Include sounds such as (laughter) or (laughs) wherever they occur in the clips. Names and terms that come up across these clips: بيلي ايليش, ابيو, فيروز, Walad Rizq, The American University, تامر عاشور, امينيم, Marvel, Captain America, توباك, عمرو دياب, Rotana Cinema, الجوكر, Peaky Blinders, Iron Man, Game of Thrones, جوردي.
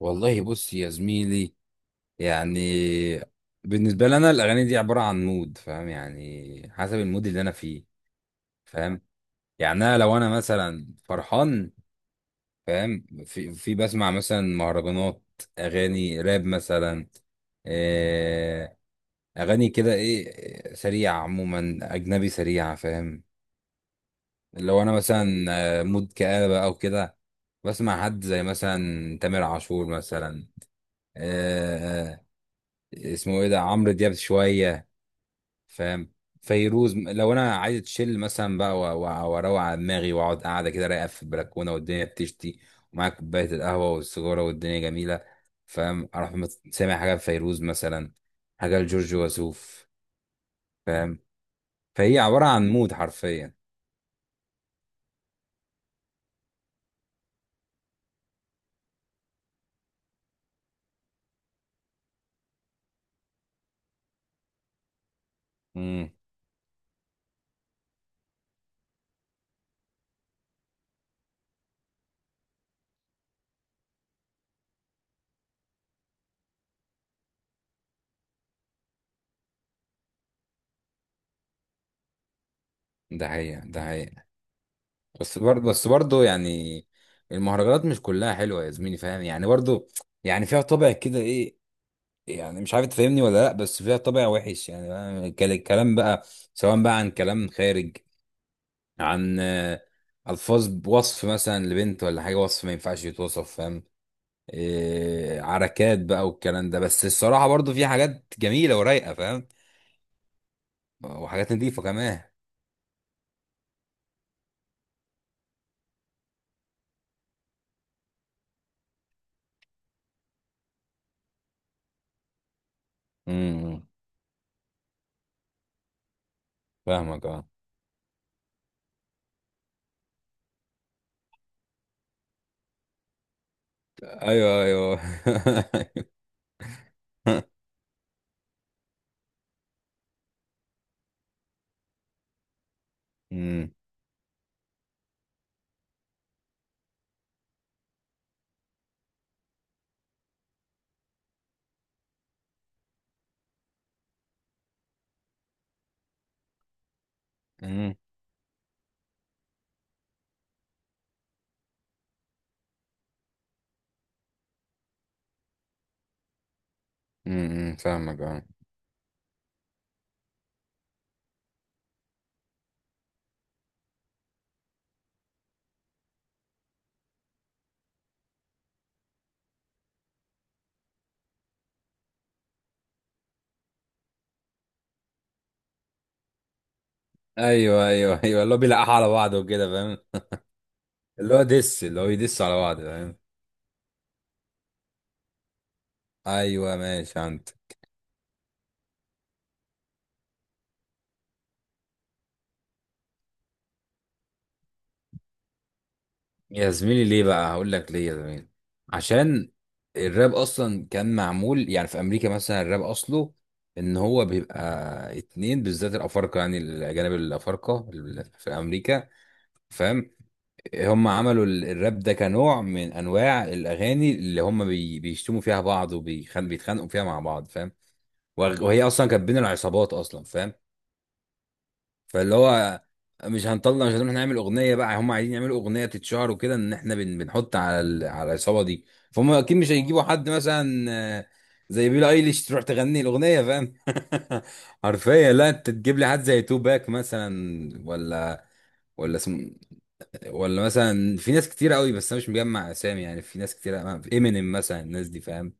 والله، بص يا زميلي. يعني بالنسبة لي أنا الأغاني دي عبارة عن مود، فاهم؟ يعني حسب المود اللي أنا فيه، فاهم؟ يعني أنا لو أنا مثلا فرحان، فاهم؟ في بسمع مثلا مهرجانات، أغاني راب مثلا. آه، أغاني كده إيه سريعة، عموما أجنبي سريعة، فاهم؟ لو أنا مثلا مود كآبة أو كده، بسمع حد زي مثلا تامر عاشور مثلا. اسمه ايه ده، عمرو دياب شويه، فاهم؟ فيروز، لو انا عايز اتشيل مثلا بقى واروق على دماغي واقعد قاعده كده رايقه في البلكونه والدنيا بتشتي، ومعايا كوبايه القهوه والسيجاره والدنيا جميله، فاهم؟ اروح سامع حاجه لفيروز مثلا، حاجه لجورج وسوف، فاهم؟ فهي عباره عن مود حرفيا. امم. ده حقيقة، ده حقيقة. بس برضه يعني، المهرجانات مش كلها حلوه يا زميلي، فاهم؟ يعني برضه، يعني فيها طابع كده ايه، يعني مش عارف تفهمني ولا لا، بس فيها طابع وحش يعني بقى، الكلام بقى سواء بقى عن كلام خارج، عن الفاظ وصف مثلا لبنت ولا حاجه، وصف ما ينفعش يتوصف، فاهم؟ إيه عركات بقى والكلام ده، بس الصراحه برضو في حاجات جميله ورايقه، فاهم؟ وحاجات نظيفه كمان. امم، فاهمك، اه. ايوه، ايوه. (laughs) امم، امم، امم، فاهمك، اه. ايوه، ايوه، ايوه، اللي هو بيلقحوا على بعض وكده، فاهم؟ اللي هو دس، اللي هو يدس على بعض، فاهم؟ ايوه، ماشي، عند. يا زميلي ليه بقى؟ هقول لك ليه يا زميلي. عشان الراب اصلا كان معمول يعني في امريكا مثلا، الراب اصله ان هو بيبقى اتنين بالذات الافارقه، يعني الاجانب الافارقه في امريكا، فاهم؟ هم عملوا الراب ده كنوع من انواع الاغاني، اللي هم بيشتموا فيها بعض وبيتخانقوا فيها مع بعض، فاهم؟ وهي اصلا كانت بين العصابات اصلا، فاهم؟ فاللي هو مش هنطلع مش هنروح نعمل اغنيه بقى، هم عايزين يعملوا اغنيه تتشهر وكده، ان احنا بنحط على العصابه دي. فهم اكيد مش هيجيبوا حد مثلا آه، زي بيلي ايليش تروح تغني الاغنيه، فاهم؟ (laughs) حرفيا، لا انت تجيب لي حد زي تو باك مثلا. ولا ولا اسم، ولا مثلا في ناس كتير قوي، بس انا مش مجمع اسامي، يعني في ناس كتير، امينيم مثلا، الناس دي، فاهم؟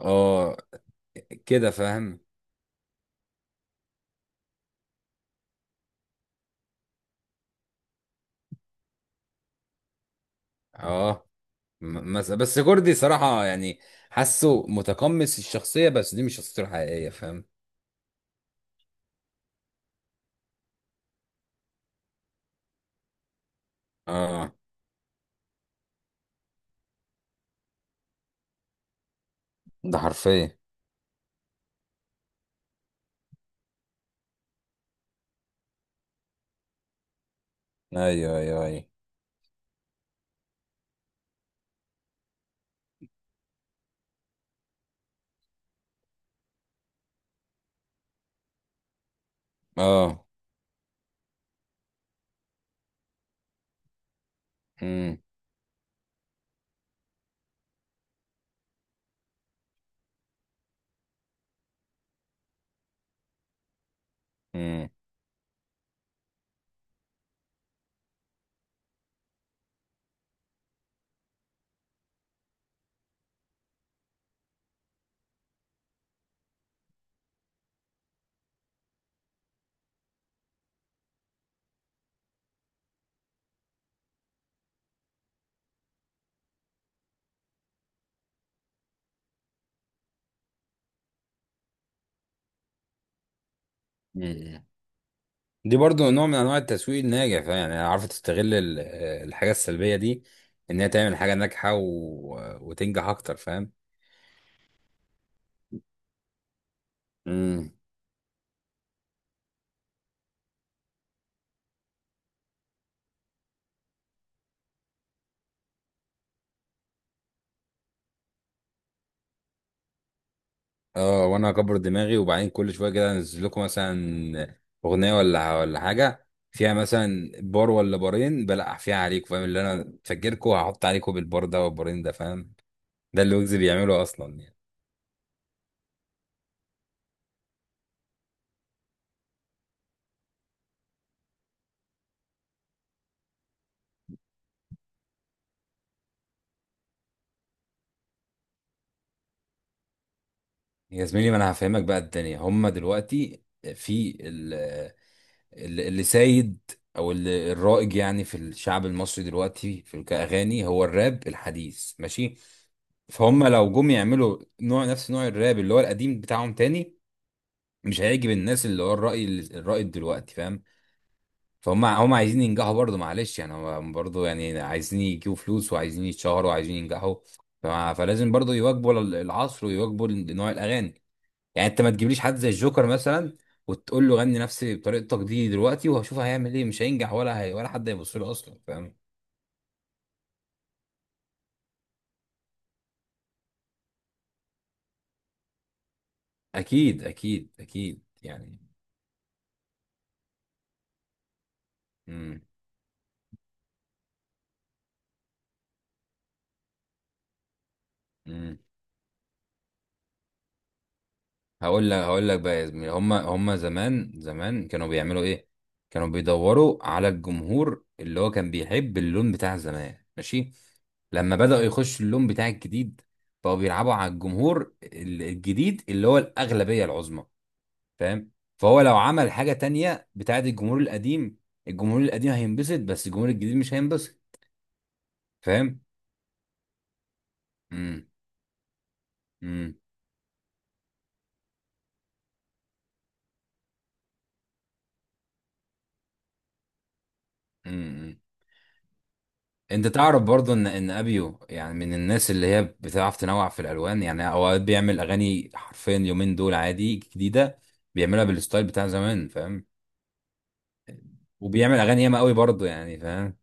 اه. كده، فاهم؟ اه. بس جوردي صراحة يعني حاسه متقمص الشخصية، بس دي مش شخصيته الحقيقية، فاهم؟ اه. ده حرفيا. ايوه، ايوه، ايوه، اه. امم، امم، أمم. دي برضو نوع من انواع التسويق الناجح، فاهم؟ يعني عارفة تستغل الحاجة السلبية دي، ان هي تعمل حاجة ناجحة و... وتنجح اكتر. فاهم؟ اه، وانا اكبر دماغي، وبعدين كل شويه كده انزل لكم مثلا اغنيه ولا حاجه، فيها مثلا بار ولا بارين بلقح فيها عليكم، فاهم؟ اللي انا فاكركم هحط عليكم بالبار ده والبارين ده، فاهم؟ ده اللي ويجز بيعمله اصلا يعني. يا زميلي ما انا هفهمك بقى، الدنيا هما دلوقتي في اللي سايد او اللي الرائج، يعني في الشعب المصري دلوقتي في كاغاني، هو الراب الحديث، ماشي. فهم لو جم يعملوا نوع نفس نوع الراب اللي هو القديم بتاعهم تاني، مش هيعجب الناس، اللي هو الرأي دلوقتي، فاهم؟ فهم هم عايزين ينجحوا برضه، معلش يعني، هم برضه يعني عايزين يجيبوا فلوس وعايزين يتشهروا وعايزين ينجحوا، فلازم برضه يواكبوا العصر ويواكبوا نوع الأغاني. يعني انت ما تجيبليش حد زي الجوكر مثلا وتقول له غني نفسي بطريقتك دي دلوقتي، وهشوف هيعمل ايه، مش هينجح ولا هي ولا حد هيبص له اصلا، فاهم؟ اكيد اكيد اكيد يعني. امم، إمم. هقول لك بقى يا زميلي، هم زمان زمان كانوا بيعملوا ايه؟ كانوا بيدوروا على الجمهور اللي هو كان بيحب اللون بتاع زمان، ماشي. لما بدأوا يخشوا اللون بتاع الجديد، بقوا بيلعبوا على الجمهور الجديد اللي هو الأغلبية العظمى، فاهم؟ فهو لو عمل حاجة تانية بتاعت الجمهور القديم، الجمهور القديم هينبسط بس الجمهور الجديد مش هينبسط، فاهم؟ امم، امم، امم، امم. انت تعرف برضه ان ابيو يعني من الناس اللي هي بتعرف تنوع في الالوان، يعني اوقات بيعمل اغاني حرفيا يومين دول عادي جديده، بيعملها بالستايل بتاع زمان، فاهم؟ وبيعمل اغاني ياما قوي برضه يعني، فاهم؟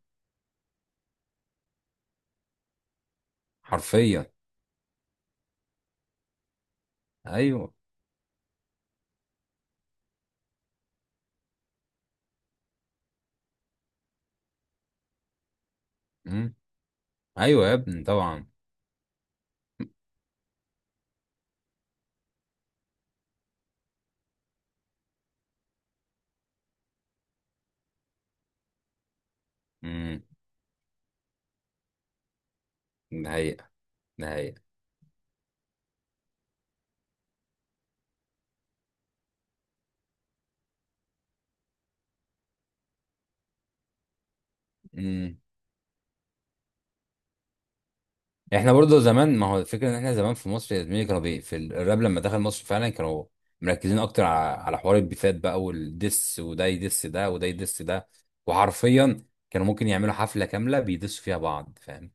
حرفيا. ايوه. امم. ايوه يا ابني، طبعا. امم. ده حقيقه، ده حقيقه. مم. احنا برضه زمان، ما هو الفكره ان احنا زمان في مصر يا زميلي كانوا الراب لما دخل مصر فعلا كانوا مركزين اكتر على حوار البيفات بقى والدس، وده يدس ده وده يدس ده، وحرفيا كانوا ممكن يعملوا حفله كامله بيدسوا فيها بعض، فاهم؟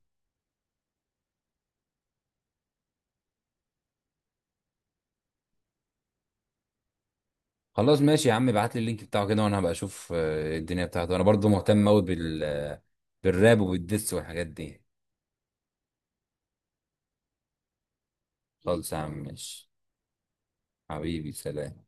خلاص ماشي يا عم، ابعت لي اللينك بتاعه كده وانا هبقى اشوف الدنيا بتاعته، انا برضه مهتم قوي بالراب وبالدس والحاجات دي. خالص يا عم، ماشي. حبيبي، سلام.